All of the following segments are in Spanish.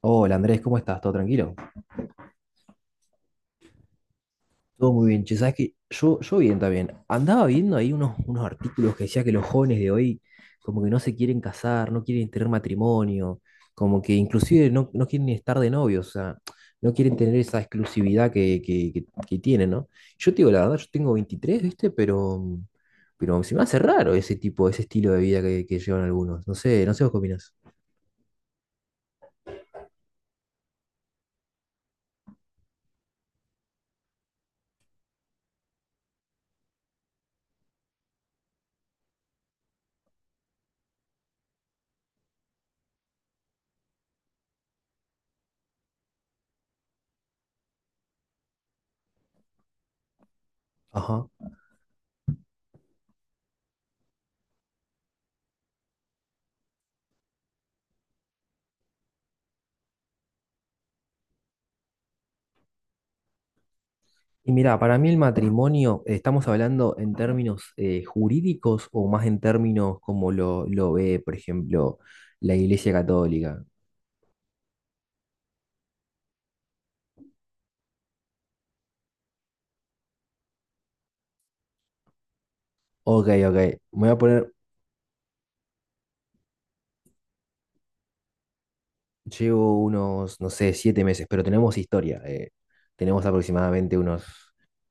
Hola Andrés, ¿cómo estás? ¿Todo tranquilo? Todo muy bien. Che, sabes que yo bien también. Andaba viendo ahí unos artículos que decía que los jóvenes de hoy como que no se quieren casar, no quieren tener matrimonio, como que inclusive no quieren ni estar de novios, o sea, no quieren tener esa exclusividad que tienen, ¿no? Yo te digo la verdad, yo tengo 23, ¿viste? Pero se me hace raro ese tipo, ese estilo de vida que llevan algunos. No sé, vos qué opinás. Ajá. Y mira, para mí el matrimonio, ¿estamos hablando en términos jurídicos o más en términos como lo ve, por ejemplo, la Iglesia Católica? Ok, me voy a poner, llevo unos, no sé, 7 meses, pero tenemos historia. Tenemos aproximadamente unos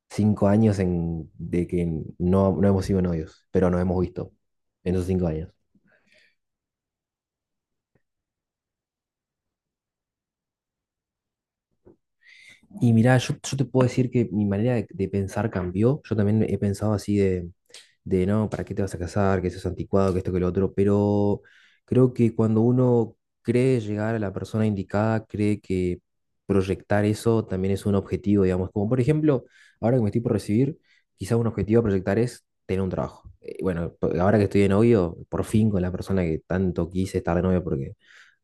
5 años de que no hemos sido novios, pero nos hemos visto en esos 5 años. Y mirá, yo te puedo decir que mi manera de pensar cambió. Yo también he pensado así, no, ¿para qué te vas a casar? Que eso es anticuado, que esto, que lo otro. Pero creo que cuando uno cree llegar a la persona indicada, cree que proyectar eso también es un objetivo, digamos. Como por ejemplo, ahora que me estoy por recibir, quizás un objetivo a proyectar es tener un trabajo. Bueno, ahora que estoy de novio, por fin con la persona que tanto quise estar de novio porque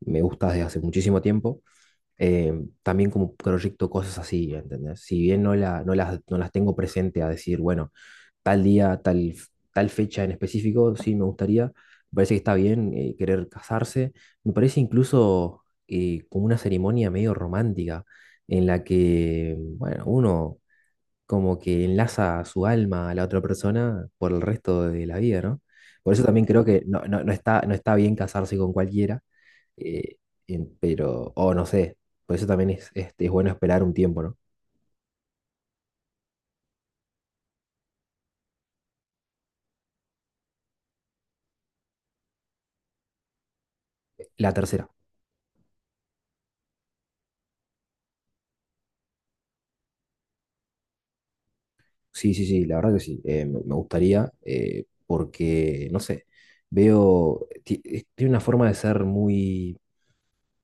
me gusta desde hace muchísimo tiempo, eh, también como proyecto cosas así, ¿entendés? Si bien no las tengo presente a decir, bueno, tal día, tal fecha en específico, sí me gustaría, me parece que está bien, querer casarse, me parece incluso, como una ceremonia medio romántica en la que, bueno, uno como que enlaza su alma a la otra persona por el resto de la vida, ¿no? Por eso también creo que no está bien casarse con cualquiera, eh, pero, o no sé, por eso también es bueno esperar un tiempo, ¿no? La tercera, sí, sí, sí, la verdad que sí, me gustaría, porque, no sé, tiene una forma de ser muy,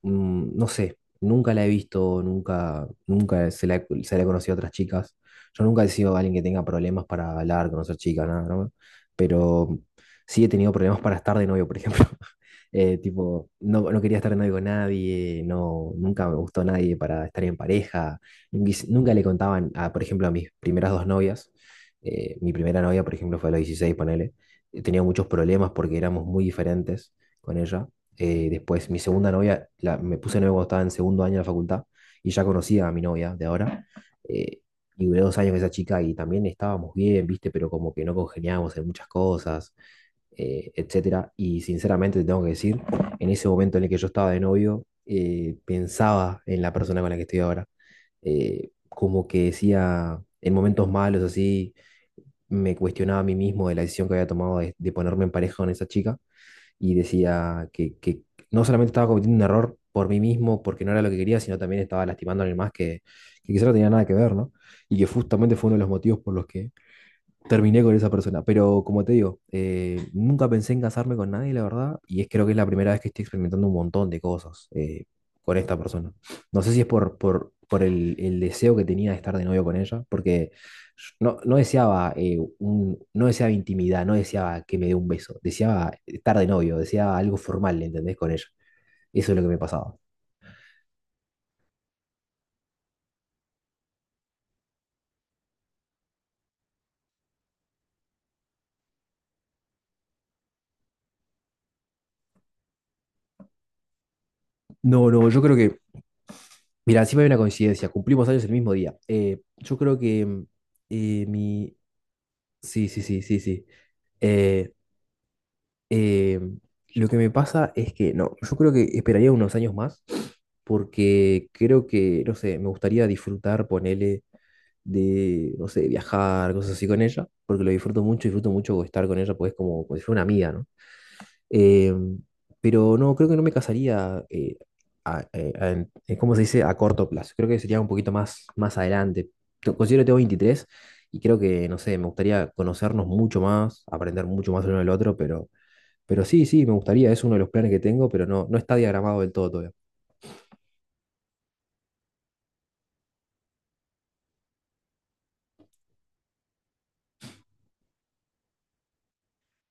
no sé, nunca la he visto, nunca, nunca se la, he- se la he conocido a otras chicas. Yo nunca he sido alguien que tenga problemas para hablar, conocer chicas, nada, ¿no? Pero sí he tenido problemas para estar de novio, por ejemplo. Tipo, no quería estar de novio con nadie, no, nunca me gustó nadie para estar en pareja. Nunca le contaban, por ejemplo, a mis primeras dos novias. Mi primera novia, por ejemplo, fue a los 16 ponele. Tenía muchos problemas porque éramos muy diferentes con ella. Después, mi segunda novia, me puse novio cuando estaba en segundo año de la facultad y ya conocía a mi novia de ahora. eh, y duré 2 años con esa chica y también estábamos bien, ¿viste? Pero como que no congeniábamos en muchas cosas, etcétera. Y sinceramente te tengo que decir, en ese momento en el que yo estaba de novio, pensaba en la persona con la que estoy ahora. Como que decía, en momentos malos así, me cuestionaba a mí mismo de la decisión que había tomado de ponerme en pareja con esa chica y decía que no solamente estaba cometiendo un error por mí mismo, porque no era lo que quería, sino también estaba lastimando a alguien más que quizá no tenía nada que ver, ¿no? Y que justamente fue uno de los motivos por los que terminé con esa persona. Pero como te digo, nunca pensé en casarme con nadie, la verdad, y es creo que es la primera vez que estoy experimentando un montón de cosas, con esta persona. No sé si es por el deseo que tenía de estar de novio con ella, porque no deseaba intimidad, no deseaba que me dé un beso, deseaba estar de novio, deseaba algo formal, ¿entendés? Con ella. Eso es lo que me pasaba. No, no, yo creo que, mira, encima hay una coincidencia, cumplimos años el mismo día. Yo creo que, mi... Sí, sí, sí, sí, sí. Eh, eh, lo que me pasa es que, no, yo creo que esperaría unos años más, porque creo que, no sé, me gustaría disfrutar, ponele, de, no sé, viajar, cosas así con ella, porque lo disfruto mucho estar con ella, pues como si fuera una amiga, ¿no? Eh, pero no, creo que no me casaría, ¿cómo se dice? A corto plazo. Creo que sería un poquito más adelante. Yo considero que tengo 23 y creo que, no sé, me gustaría conocernos mucho más, aprender mucho más el uno del otro, pero sí, sí, me gustaría, es uno de los planes que tengo, pero no está diagramado del todo todavía.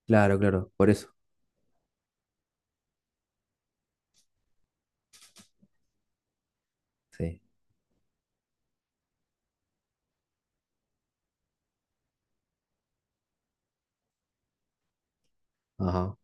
Claro, claro, por eso. Sí. Ajá.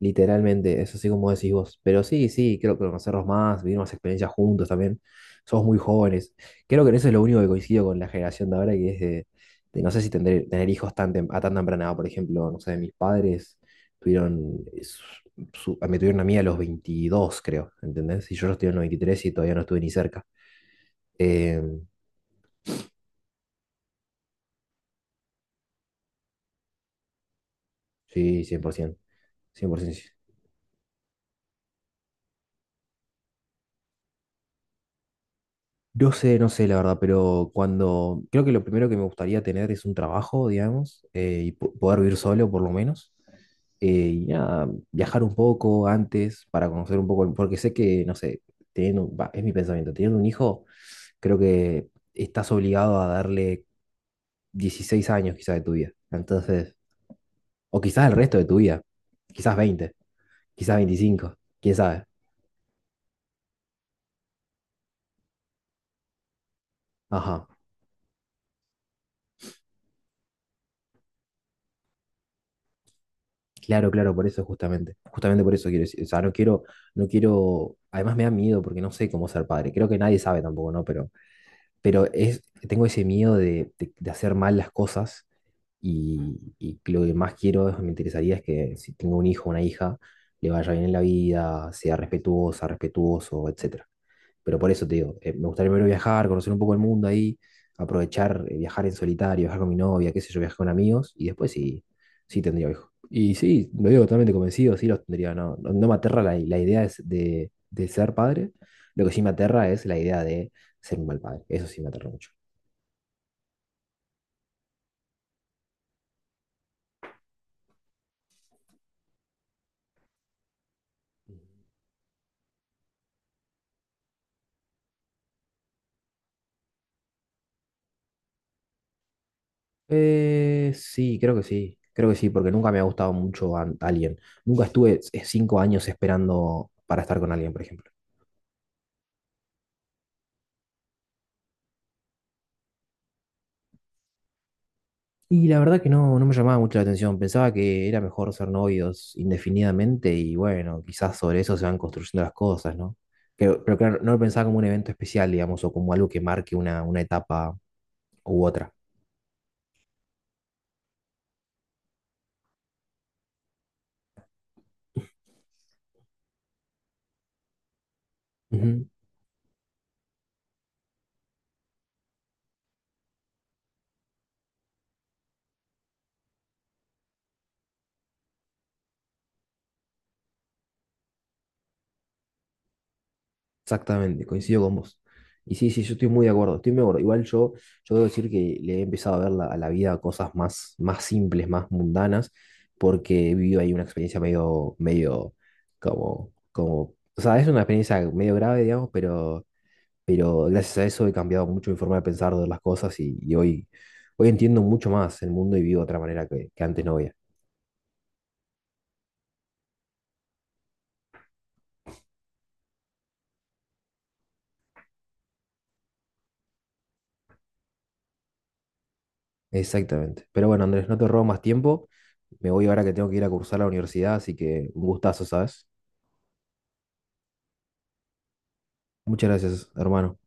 Literalmente, eso así como decís vos. Pero sí, sí, creo que conocerlos más, vivir más experiencias juntos también. Somos muy jóvenes. Creo que en eso es lo único que coincido con la generación de ahora, que es de no sé si tener hijos a tan temprana edad. Por ejemplo, no sé, mis padres tuvieron, es- me tuvieron a mí a los 22 creo, ¿entendés? Y yo los tuve en los 23 y todavía no estuve ni cerca. Em, sí, cien por 100%. No sé, la verdad, pero cuando creo que lo primero que me gustaría tener es un trabajo, digamos, y poder vivir solo por lo menos. Y nada, viajar un poco antes para conocer un poco, porque sé que, no sé, va, es mi pensamiento, teniendo un hijo, creo que estás obligado a darle 16 años quizás de tu vida. Entonces, o quizás el resto de tu vida, quizás 20, quizás 25, quién sabe. Ajá. Claro, claro, por eso justamente. Justamente por eso quiero decir. O sea, no quiero, no quiero. Además me da miedo porque no sé cómo ser padre. Creo que nadie sabe tampoco, ¿no? Pero tengo ese miedo de, de hacer mal las cosas, y lo que más quiero, me interesaría es que si tengo un hijo o una hija, le vaya bien en la vida, sea respetuosa, respetuoso, etc. Pero por eso te digo, me gustaría primero viajar, conocer un poco el mundo ahí, aprovechar, viajar en solitario, viajar con mi novia, qué sé yo, viajar con amigos, y después sí, sí tendría hijos. Y sí, lo digo totalmente convencido, sí los tendría, no, no, no me aterra la idea es de ser padre, lo que sí me aterra es la idea de ser un mal padre, eso sí me aterra mucho. Sí, creo que sí, creo que sí, porque nunca me ha gustado mucho alguien. Nunca estuve, 5 años esperando para estar con alguien, por ejemplo. Y la verdad que no me llamaba mucho la atención. Pensaba que era mejor ser novios indefinidamente y bueno, quizás sobre eso se van construyendo las cosas, ¿no? Pero claro, no lo pensaba como un evento especial, digamos, o como algo que marque una etapa u otra. Ujú. Exactamente, coincido con vos. Y sí, sí, yo estoy muy de acuerdo, estoy muy de acuerdo. Igual yo debo decir que le he empezado a ver a la vida cosas más simples, más mundanas, porque he vivido ahí una experiencia medio o sea, es una experiencia medio grave, digamos, pero gracias a eso he cambiado mucho mi forma de pensar de las cosas y hoy entiendo mucho más el mundo y vivo de otra manera que antes no veía. Exactamente. Pero bueno, Andrés, no te robo más tiempo. Me voy ahora que tengo que ir a cursar a la universidad, así que un gustazo, ¿sabes? Muchas gracias, hermano.